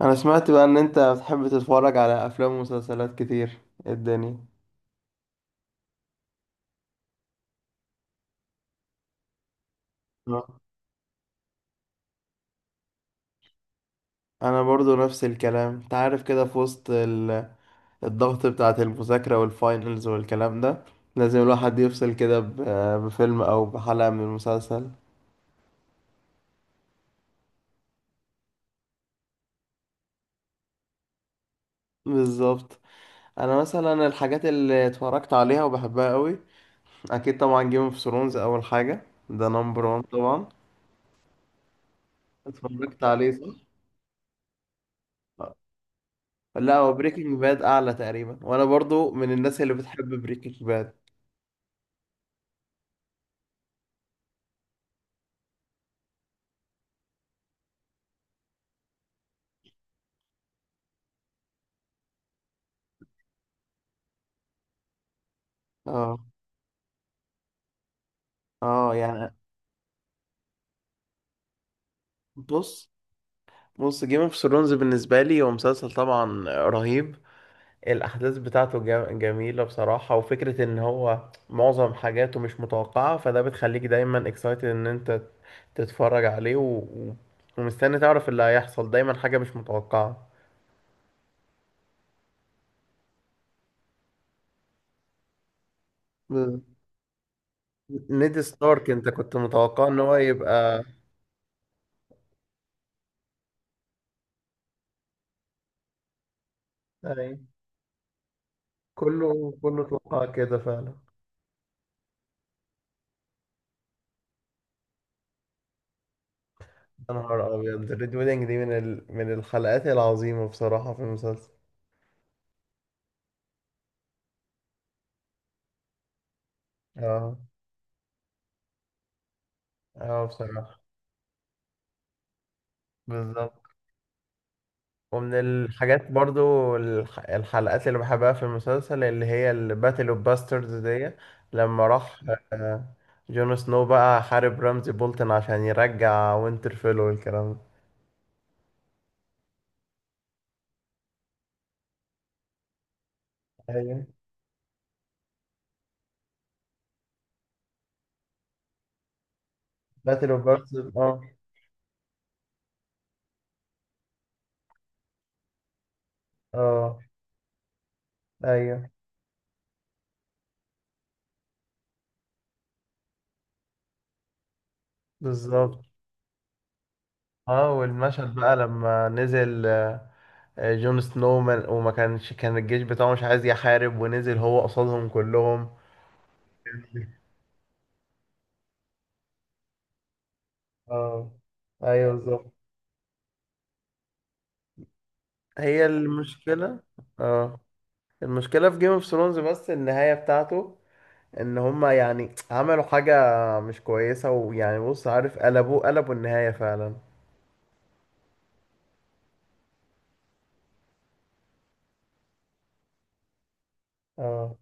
انا سمعت بقى ان انت بتحب تتفرج على افلام ومسلسلات كتير. إيه الدنيا؟ آه. انا برضو نفس الكلام. انت عارف كده، في وسط الضغط بتاعة المذاكرة والفاينلز والكلام ده، لازم الواحد يفصل كده بفيلم او بحلقة من المسلسل. بالظبط. انا مثلا الحاجات اللي اتفرجت عليها وبحبها قوي، اكيد طبعا جيم اوف ثرونز اول حاجة، ده نمبر وان طبعا. اتفرجت عليه، صح. آه. لا، هو بريكنج باد اعلى تقريبا، وانا برضو من الناس اللي بتحب بريكنج باد. اه، اه، يعني بص بص، جيم اوف ثرونز بالنسبه لي هو مسلسل طبعا رهيب. الاحداث بتاعته جميله بصراحه، وفكره ان هو معظم حاجاته مش متوقعه، فده بتخليك دايما اكسايتد ان انت تتفرج عليه ومستني تعرف اللي هيحصل، دايما حاجه مش متوقعه. ب- نيد ستارك، انت كنت متوقع ان هو يبقى؟ أي. كله كله توقع كده فعلا. يا نهار ابيض، الريد ويدنج دي من الحلقات العظيمه بصراحه في المسلسل. اه، اه، بصراحة. بالظبط. ومن الحاجات برضو الحلقات اللي بحبها في المسلسل، اللي هي الباتل اوف باسترز دي. لما راح آه، جون سنو بقى حارب رمزي بولتن عشان يرجع وينترفيل والكلام ده. ايوه. باتل اوف باسترز، اه. اه، ايوه، بالظبط. اه، والمشهد بقى لما نزل جون سنو وما كانش كان الجيش بتاعه مش عايز يحارب، ونزل هو قصادهم كلهم. اه، ايوه، بالظبط. هي المشكلة. اه، المشكلة في جيم اوف ثرونز بس النهاية بتاعته، ان هما يعني عملوا حاجة مش كويسة، ويعني بص، عارف، قلبوا النهاية فعلا. اه،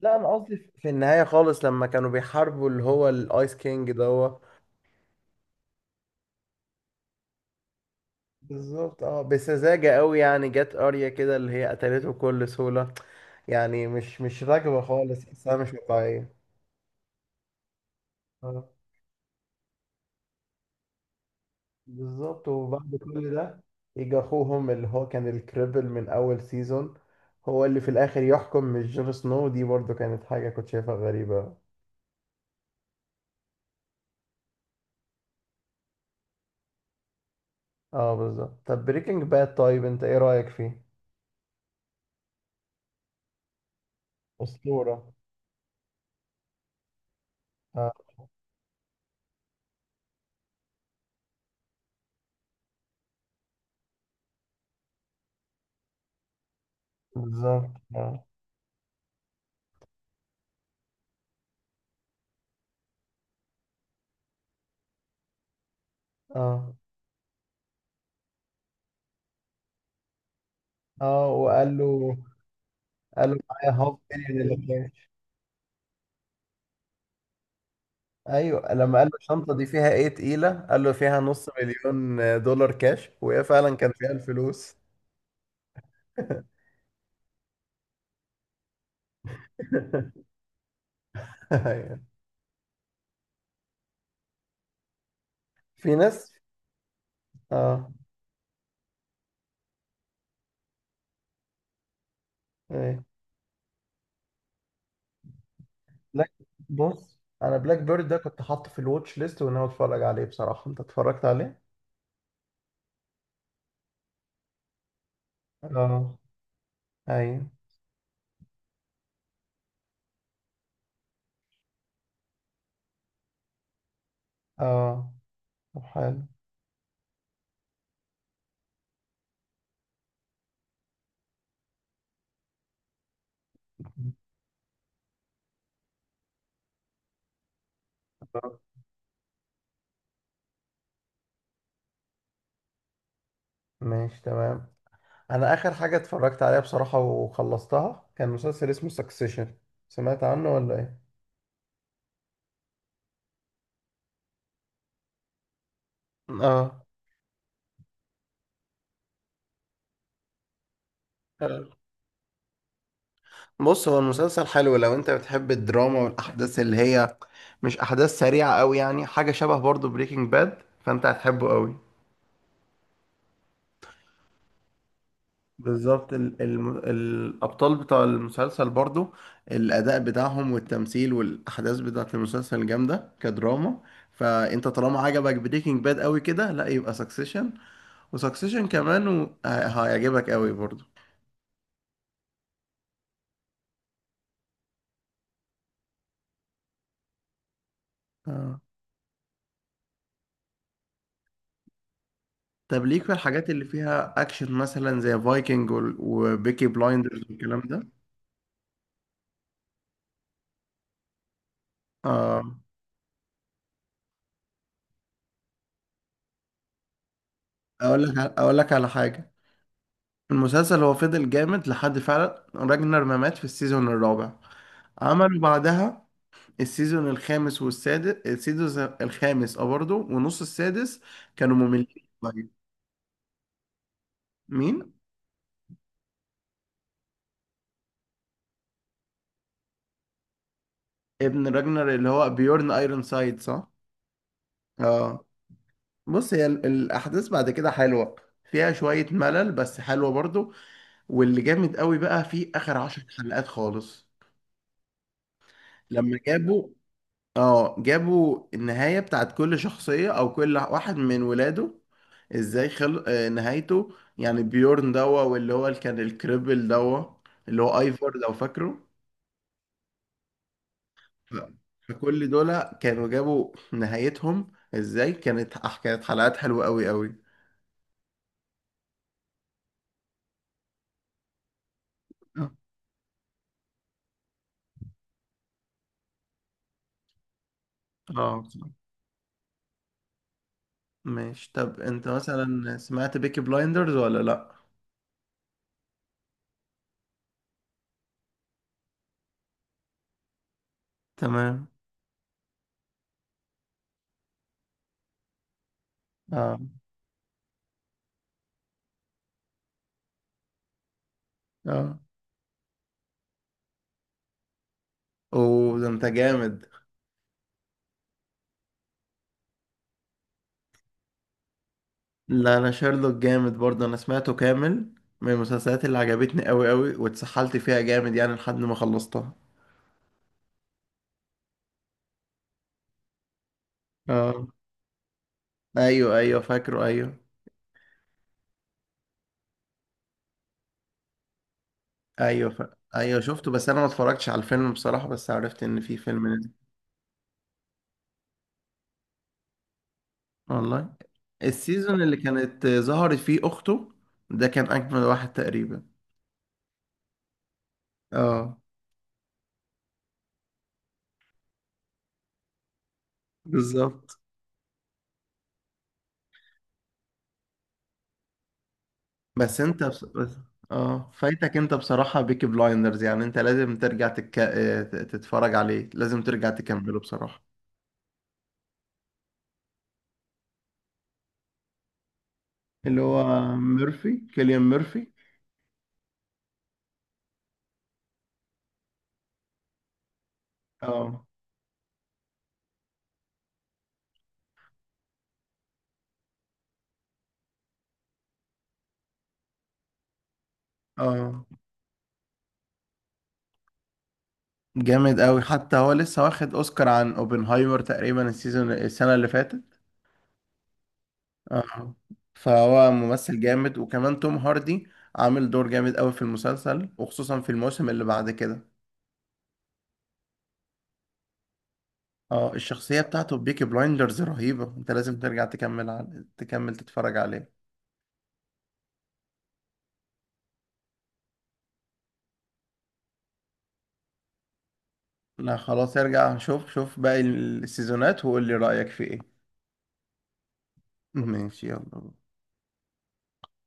لا، انا قصدي في النهاية خالص لما كانوا بيحاربوا اللي هو الايس كينج دوت. بالظبط، اه، بسذاجة قوي يعني. جت اريا كده اللي هي قتلته بكل سهولة، يعني مش راكبة خالص، حاسها مش واقعية. بالظبط. وبعد كل ده يجي اخوهم اللي هو كان الكريبل من اول سيزون، هو اللي في الاخر يحكم، مش جون سنو. دي برضو كانت حاجة كنت شايفها غريبة. اه، بالظبط. طب بريكنج باد، طيب انت ايه رأيك فيه؟ أسطورة. اه، بالظبط. اه، اه، اه، وقال له قال له معايا هاف مليون اللي كاش. ايوه، لما قال له الشنطة دي فيها ايه تقيلة، قال له فيها نص مليون دولار كاش، وهي فعلا كان فيها الفلوس. أيوة. في ناس. اه، ايه، بلاك بص انا بلاك بيرد ده كنت حاطه في الواتش ليست، وان انا اتفرج عليه بصراحه. انت اتفرجت عليه؟ اه، ايوه. اه، طب حلو. ماشي، تمام. انا اخر حاجه اتفرجت عليها بصراحه وخلصتها كان مسلسل اسمه سكسيشن. سمعت عنه ولا ايه؟ اه، حلو. بص، هو المسلسل حلو لو انت بتحب الدراما والاحداث اللي هي مش احداث سريعة قوي، يعني حاجة شبه برضو بريكنج باد، فانت هتحبه قوي. بالظبط، الأبطال بتاع المسلسل برضو، الأداء بتاعهم والتمثيل والأحداث بتاعة المسلسل جامدة كدراما، فأنت طالما عجبك بريكنج باد قوي كده، لا يبقى سكسيشن. وسكسيشن كمان هيعجبك قوي برضو. آه. طب ليك في الحاجات اللي فيها أكشن، مثلا زي فايكنج وبيكي بلايندرز والكلام ده. آه. أقول لك على حاجة. المسلسل هو فضل جامد لحد فعلا راجنر ما مات في السيزون الرابع. عملوا بعدها السيزون الخامس والسادس. السيزون الخامس، اه، برضه، ونص السادس كانوا مملين. طيب، مين؟ ابن راجنر اللي هو بيورن ايرون سايد، صح؟ اه. بص، هي الاحداث بعد كده حلوه، فيها شويه ملل بس حلوه برضه. واللي جامد قوي بقى في اخر 10 حلقات خالص، لما جابوا. اه، جابوا النهاية بتاعت كل شخصية، او كل واحد من ولاده ازاي خل... آه، نهايته. يعني بيورن دوا، واللي هو اللي كان الكريبل دوا اللي هو ايفور لو فاكره. ف- فكل دول كانوا جابوا نهايتهم ازاي. كانت حلقات حلوة قوي قوي. اه. آه، بصراحة. ماشي، طب انت مثلا سمعت بيكي بلايندرز ولا لا؟ تمام، اه، اه، اوه، ده انت جامد. لا، انا شارلوك جامد برضه، انا سمعته كامل، من المسلسلات اللي عجبتني قوي قوي واتسحلت فيها جامد يعني لحد ما خلصتها. اه، ايوه، ايوه، فاكره، ايوه. ايوه ايوه شفته، بس انا ما اتفرجتش على الفيلم بصراحة، بس عرفت ان في فيلم نزل. والله، السيزون اللي كانت ظهرت فيه اخته ده كان اجمل واحد تقريبا. اه، بالظبط. بس انت بس... بس... اه فايتك انت بصراحة بيكي بلايندرز. يعني انت لازم ترجع تتفرج عليه. لازم ترجع تكمله بصراحة. اللي هو كيليان ميرفي. اه، اه، جامد قوي حتى. هو لسه واخد اوسكار عن اوبنهايمر تقريبا السنه اللي فاتت. اه، فهو ممثل جامد، وكمان توم هاردي عامل دور جامد قوي في المسلسل، وخصوصا في الموسم اللي بعد كده. اه، الشخصيه بتاعته بيكي بلايندرز رهيبه. انت لازم ترجع تكمل تتفرج عليه. لا، خلاص، ارجع شوف شوف باقي السيزونات وقول لي رايك في ايه. ماشي، يلا.